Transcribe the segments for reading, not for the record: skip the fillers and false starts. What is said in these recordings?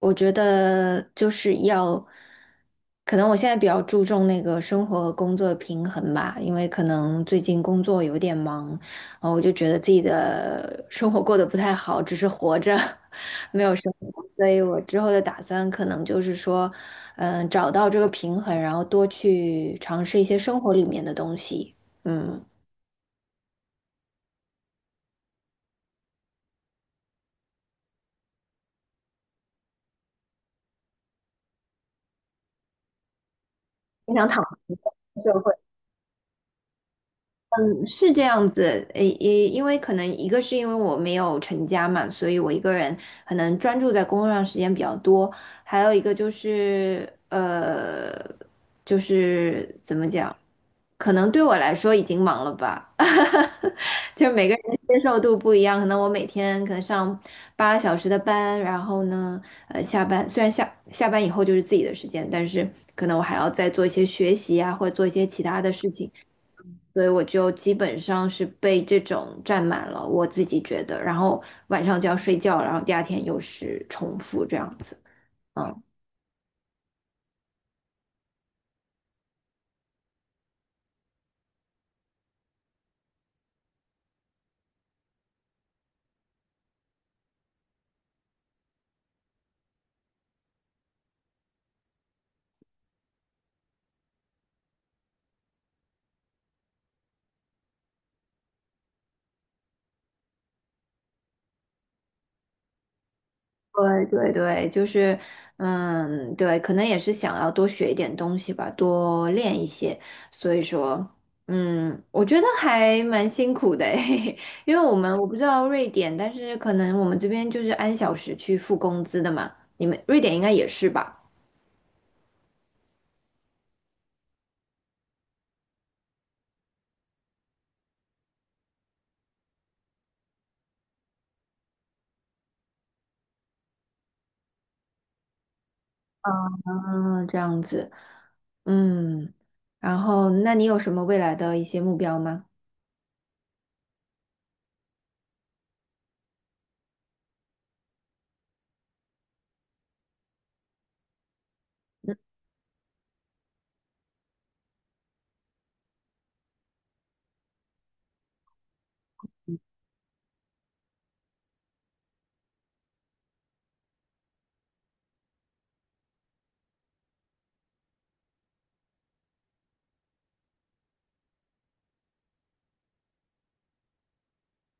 我觉得就是要，可能我现在比较注重那个生活和工作的平衡吧，因为可能最近工作有点忙，然后我就觉得自己的 生活过得不太好，只是活着，没有生活，所以我之后的打算可能就是说，嗯，找到这个平衡，然后多去尝试一些生活里面的东西，嗯，经常躺。会。就是这样子，诶，也因为可能一个是因为我没有成家嘛，所以我一个人可能专注在工作上时间比较多，还有一个就是就是怎么讲，可能对我来说已经忙了吧，就每个人接受度不一样，可能我每天可能上8个小时的班，然后呢，下班虽然下班以后就是自己的时间，但是可能我还要再做一些学习啊，或者做一些其他的事情。所以我就基本上是被这种占满了，我自己觉得，然后晚上就要睡觉，然后第二天又是重复这样子。嗯，对对对，就是，嗯，对，可能也是想要多学一点东西吧，多练一些，所以说，嗯，我觉得还蛮辛苦的诶，因为我不知道瑞典，但是可能我们这边就是按小时去付工资的嘛，你们瑞典应该也是吧？嗯，这样子。嗯，然后那你有什么未来的一些目标吗？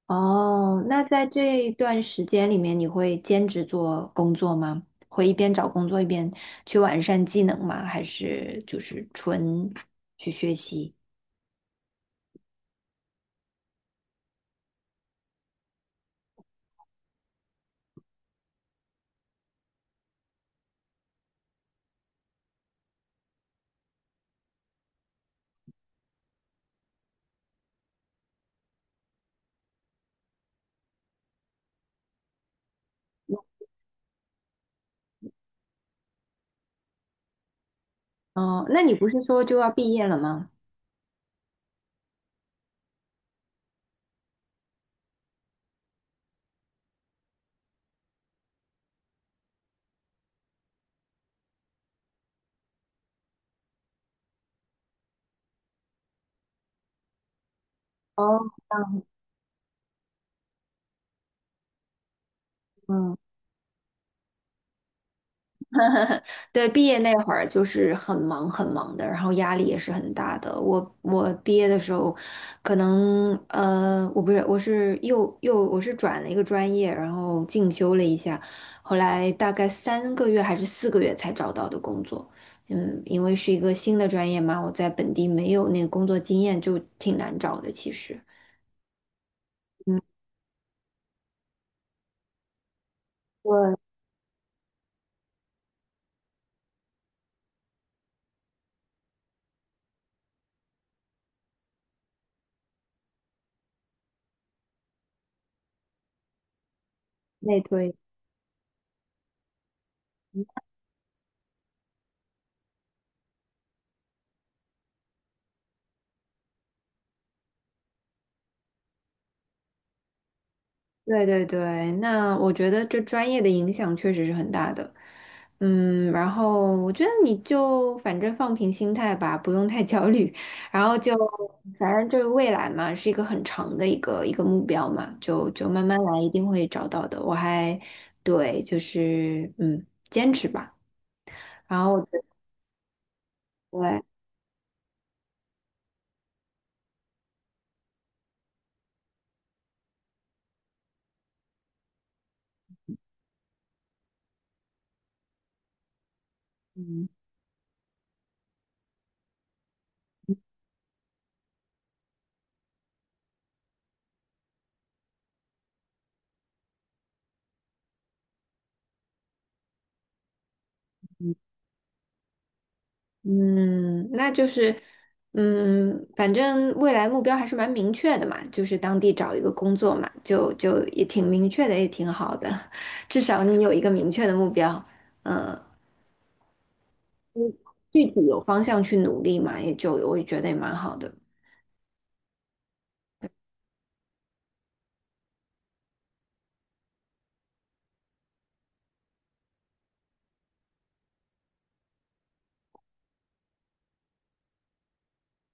哦，那在这一段时间里面，你会兼职做工作吗？会一边找工作一边去完善技能吗？还是就是纯去学习？哦，那你不是说就要毕业了吗？哦，嗯嗯。对，毕业那会儿就是很忙很忙的，然后压力也是很大的。我毕业的时候，可能我不是，我是又又我是转了一个专业，然后进修了一下，后来大概3个月还是4个月才找到的工作。嗯，因为是一个新的专业嘛，我在本地没有那个工作经验，就挺难找的，其实。嗯，我内推。对对对，那我觉得这专业的影响确实是很大的。嗯，然后我觉得你就反正放平心态吧，不用太焦虑，然后就反正这个未来嘛，是一个很长的一个目标嘛，就慢慢来，一定会找到的。我还对，就是嗯，坚持吧。然后我觉得对，嗯。嗯，那就是，嗯，反正未来目标还是蛮明确的嘛，就是当地找一个工作嘛，就也挺明确的，也挺好的，至少你有一个明确的目标，嗯，具体有方向去努力嘛，也就我也觉得也蛮好的，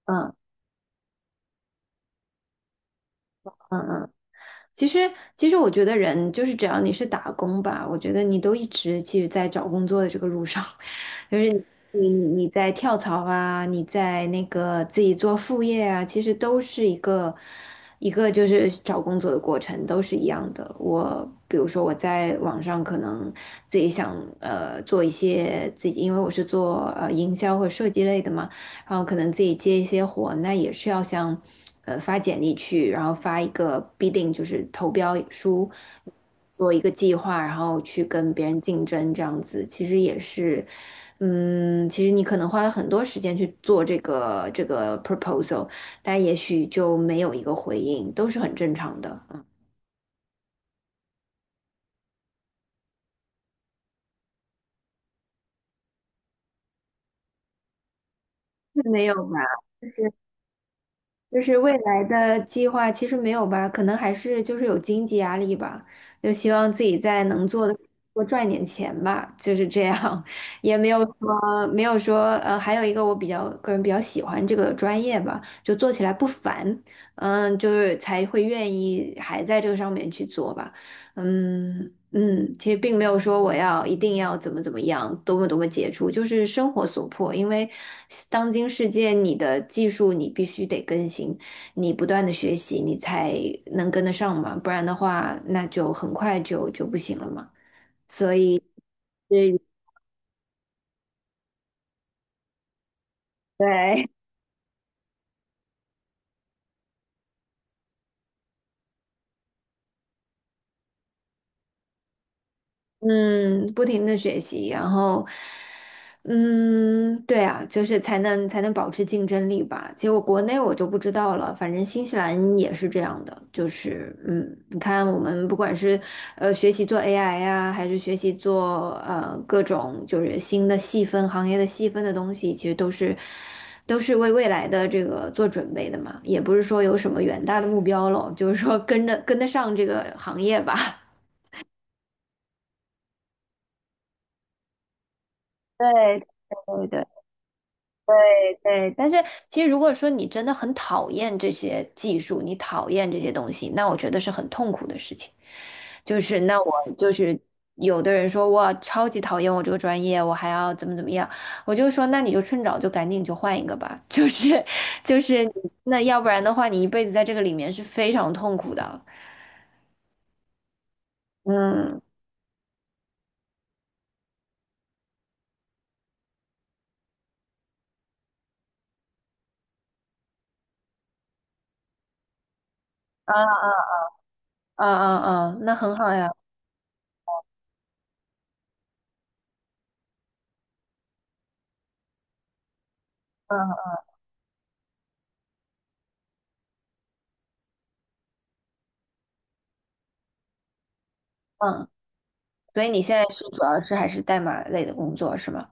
嗯嗯嗯。其实其实我觉得人就是只要你是打工吧，我觉得你都一直其实在找工作的这个路上，就是。你在跳槽啊，你在那个自己做副业啊，其实都是一个就是找工作的过程，都是一样的。我比如说我在网上可能自己想做一些自己，因为我是做营销或设计类的嘛，然后可能自己接一些活，那也是要像发简历去，然后发一个 bidding 就是投标书。做一个计划，然后去跟别人竞争，这样子其实也是，嗯，其实你可能花了很多时间去做这个 proposal，但也许就没有一个回应，都是很正常的，嗯，没有吧？就是未来的计划其实没有吧，可能还是就是有经济压力吧，就希望自己在能做的多赚点钱吧，就是这样，也没有说还有一个我比较个人比较喜欢这个专业吧，就做起来不烦，嗯，就是才会愿意还在这个上面去做吧。嗯嗯，其实并没有说我要一定要怎么怎么样，多么多么杰出，就是生活所迫。因为当今世界，你的技术你必须得更新，你不断的学习，你才能跟得上嘛，不然的话，那就很快就就不行了嘛。所以，对对，嗯，不停的学习，然后，嗯，对啊，就是才能保持竞争力吧。结果国内我就不知道了，反正新西兰也是这样的，就是嗯，你看我们不管是学习做 AI 呀、还是学习做各种就是新的细分行业的细分的东西，其实都是为未来的这个做准备的嘛，也不是说有什么远大的目标咯，就是说跟着跟得上这个行业吧。对对对对，但是其实如果说你真的很讨厌这些技术，你讨厌这些东西，那我觉得是很痛苦的事情。就是那我就是有的人说哇，超级讨厌我这个专业，我还要怎么怎么样，我就说那你就趁早就赶紧就换一个吧。就是就是你那要不然的话，你一辈子在这个里面是非常痛苦的。嗯啊啊啊啊啊，那很好呀。嗯嗯，所以你现在是主要是还是代码类的工作是吗？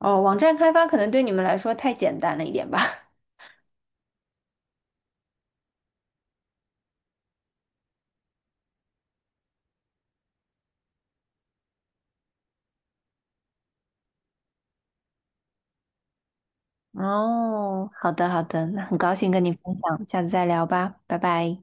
哦，网站开发可能对你们来说太简单了一点吧。哦，好的好的，那很高兴跟你分享，下次再聊吧，拜拜。